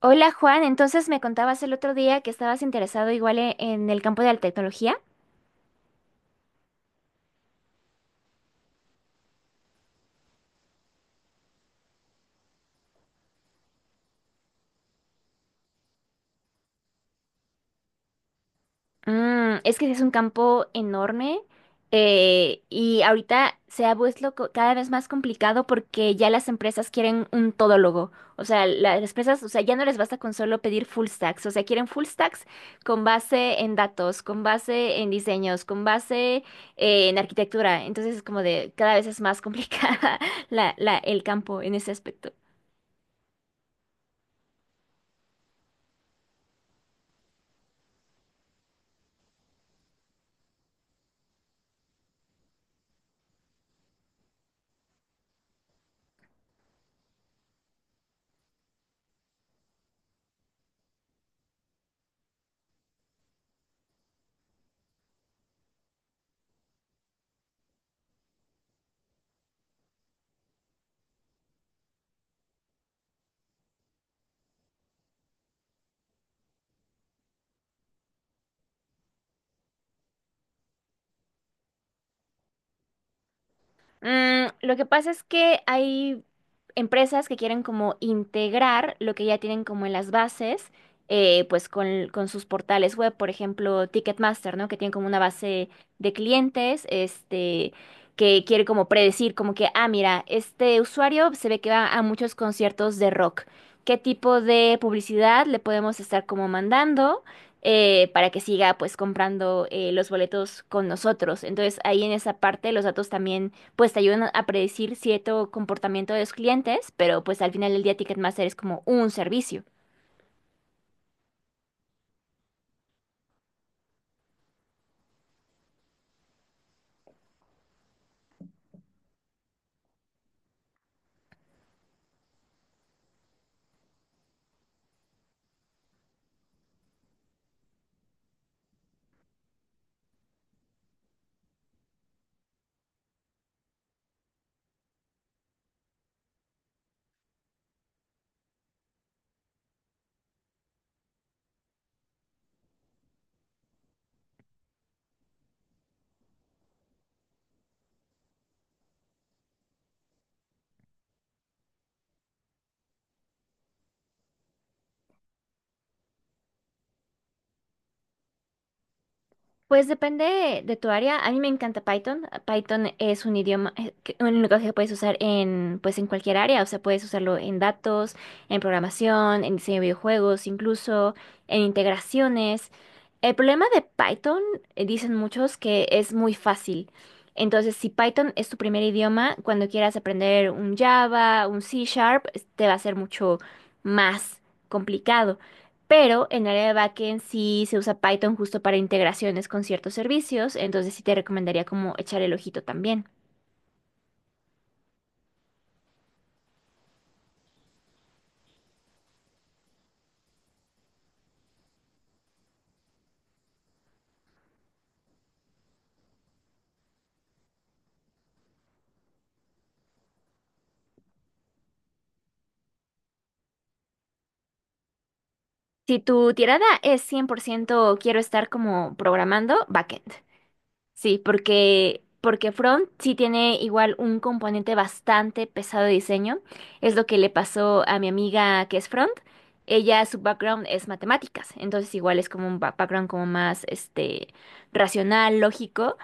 Hola Juan, entonces me contabas el otro día que estabas interesado igual en el campo de la tecnología. Es que es un campo enorme, y ahorita se ha vuelto cada vez más complicado porque ya las empresas quieren un todólogo. O sea, las empresas, o sea, ya no les basta con solo pedir full stacks. O sea, quieren full stacks con base en datos, con base en diseños, con base en arquitectura. Entonces es como de cada vez es más complicada el campo en ese aspecto. Lo que pasa es que hay empresas que quieren como integrar lo que ya tienen como en las bases, pues con sus portales web, por ejemplo, Ticketmaster, ¿no? Que tiene como una base de clientes, este, que quiere como predecir, como que, ah, mira, este usuario se ve que va a muchos conciertos de rock. ¿Qué tipo de publicidad le podemos estar como mandando? Para que siga pues comprando los boletos con nosotros. Entonces ahí en esa parte los datos también pues te ayudan a predecir cierto comportamiento de los clientes, pero pues al final del día Ticketmaster es como un servicio. Pues depende de tu área. A mí me encanta Python. Python es un idioma, un lenguaje que puedes usar en, pues, en cualquier área. O sea, puedes usarlo en datos, en programación, en diseño de videojuegos, incluso en integraciones. El problema de Python, dicen muchos, que es muy fácil. Entonces, si Python es tu primer idioma, cuando quieras aprender un Java, un C Sharp, te va a ser mucho más complicado. Pero en área de backend sí se usa Python justo para integraciones con ciertos servicios, entonces sí te recomendaría como echar el ojito también. Si tu tirada es 100% quiero estar como programando, backend. Sí, porque front sí tiene igual un componente bastante pesado de diseño. Es lo que le pasó a mi amiga que es front. Ella, su background es matemáticas, entonces igual es como un background como más este racional, lógico.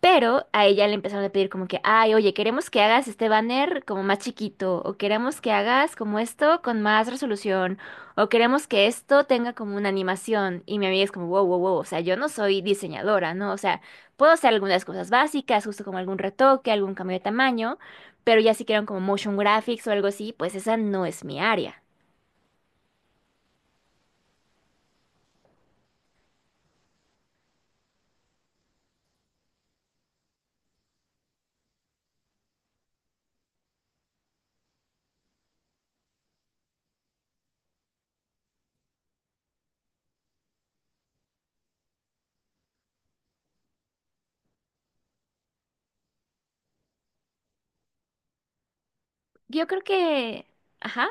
Pero a ella le empezaron a pedir como que, ay, oye, queremos que hagas este banner como más chiquito, o queremos que hagas como esto con más resolución, o queremos que esto tenga como una animación. Y mi amiga es como, wow, wow, wow, o sea, yo no soy diseñadora, ¿no? O sea, puedo hacer algunas cosas básicas, justo como algún retoque, algún cambio de tamaño, pero ya si quieren como motion graphics o algo así, pues esa no es mi área. Yo creo que, ajá.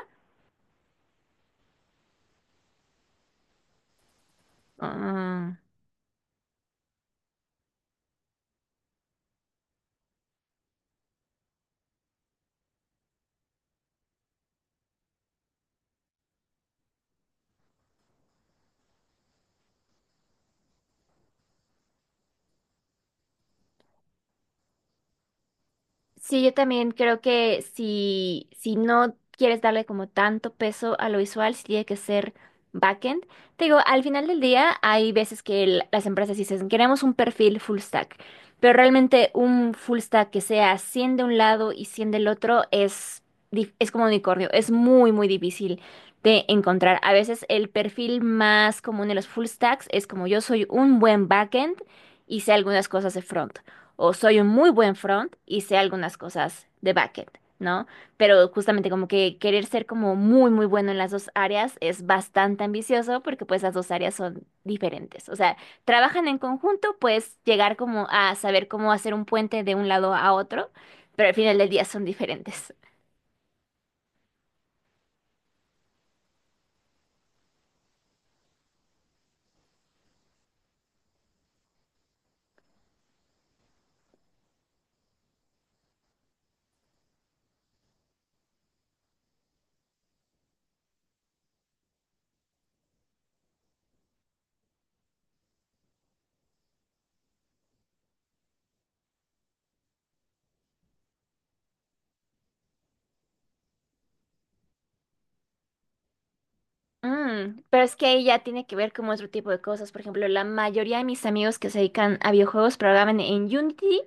Sí, yo también creo que si, si no quieres darle como tanto peso a lo visual, sí tiene que ser backend. Te digo, al final del día hay veces que las empresas dicen, queremos un perfil full stack, pero realmente un full stack que sea 100 de un lado y 100 del otro es, es como unicornio, es muy, muy difícil de encontrar. A veces el perfil más común de los full stacks es como yo soy un buen backend y sé algunas cosas de front o soy un muy buen front y sé algunas cosas de backend, ¿no? Pero justamente como que querer ser como muy, muy bueno en las dos áreas es bastante ambicioso porque pues las dos áreas son diferentes. O sea, trabajan en conjunto, puedes llegar como a saber cómo hacer un puente de un lado a otro, pero al final del día son diferentes. Pero es que ahí ya tiene que ver con otro tipo de cosas. Por ejemplo, la mayoría de mis amigos que se dedican a videojuegos programan en Unity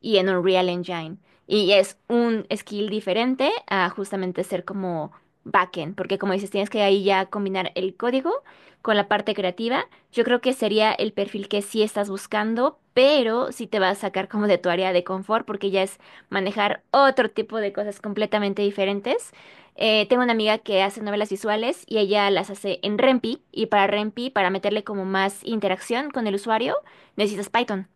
y en Unreal Engine. Y es un skill diferente a justamente ser como backend, porque como dices, tienes que ahí ya combinar el código con la parte creativa. Yo creo que sería el perfil que sí estás buscando, pero sí te va a sacar como de tu área de confort, porque ya es manejar otro tipo de cosas completamente diferentes. Tengo una amiga que hace novelas visuales y ella las hace en Rempi, y para Rempi, para meterle como más interacción con el usuario, necesitas Python.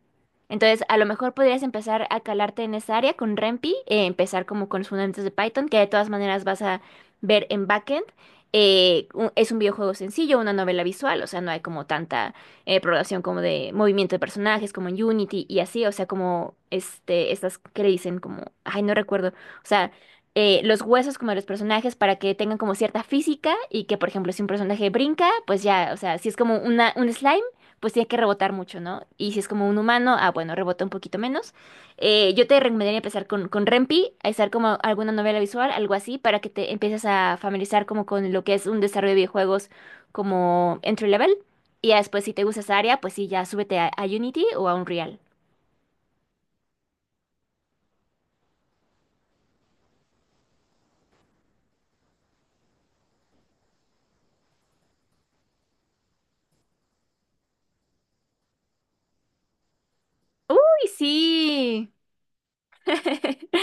Entonces, a lo mejor podrías empezar a calarte en esa área con Rempi, empezar como con los fundamentos de Python, que de todas maneras vas a ver en backend. Es un videojuego sencillo, una novela visual, o sea, no hay como tanta programación como de movimiento de personajes, como en Unity y así, o sea, como este, estas que le dicen como, ay, no recuerdo, o sea, los huesos como de los personajes para que tengan como cierta física y que, por ejemplo, si un personaje brinca, pues ya, o sea, si es como una, un slime pues tiene que rebotar mucho, ¿no? Y si es como un humano, ah, bueno, rebota un poquito menos. Yo te recomendaría empezar con Rempi, a estar como alguna novela visual, algo así, para que te empieces a familiarizar como con lo que es un desarrollo de videojuegos como entry level. Y ya después, si te gusta esa área, pues sí, ya súbete a Unity o a Unreal. ¡Uy, sí!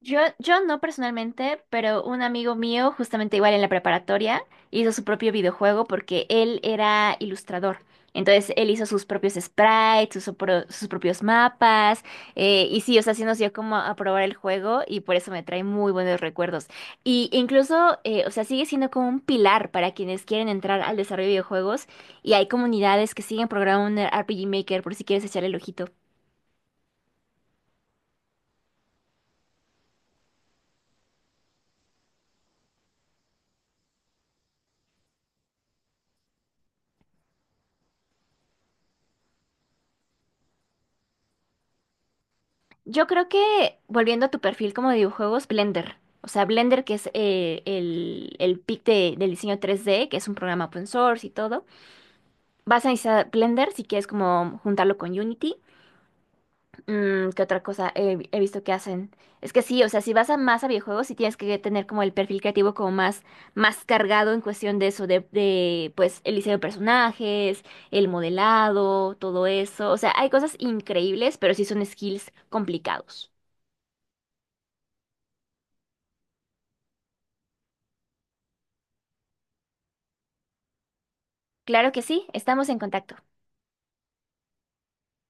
Yo no personalmente, pero un amigo mío, justamente igual en la preparatoria, hizo su propio videojuego porque él era ilustrador. Entonces él hizo sus propios sprites, sus propios mapas, y sí, o sea, sí nos dio como a probar el juego y por eso me trae muy buenos recuerdos. Y incluso, o sea, sigue siendo como un pilar para quienes quieren entrar al desarrollo de videojuegos y hay comunidades que siguen programando un RPG Maker por si quieres echarle el ojito. Yo creo que, volviendo a tu perfil como de videojuegos, Blender. O sea, Blender, que es el pic del diseño tres d que es un programa open source y todo. Vas a necesitar Blender si quieres como juntarlo con Unity. Mm, ¿qué otra cosa he visto que hacen? Es que sí, o sea, si vas a más a videojuegos, sí tienes que tener como el perfil creativo como más, más cargado en cuestión de eso, de pues el diseño de personajes, el modelado, todo eso. O sea, hay cosas increíbles, pero sí son skills complicados. Claro que sí, estamos en contacto.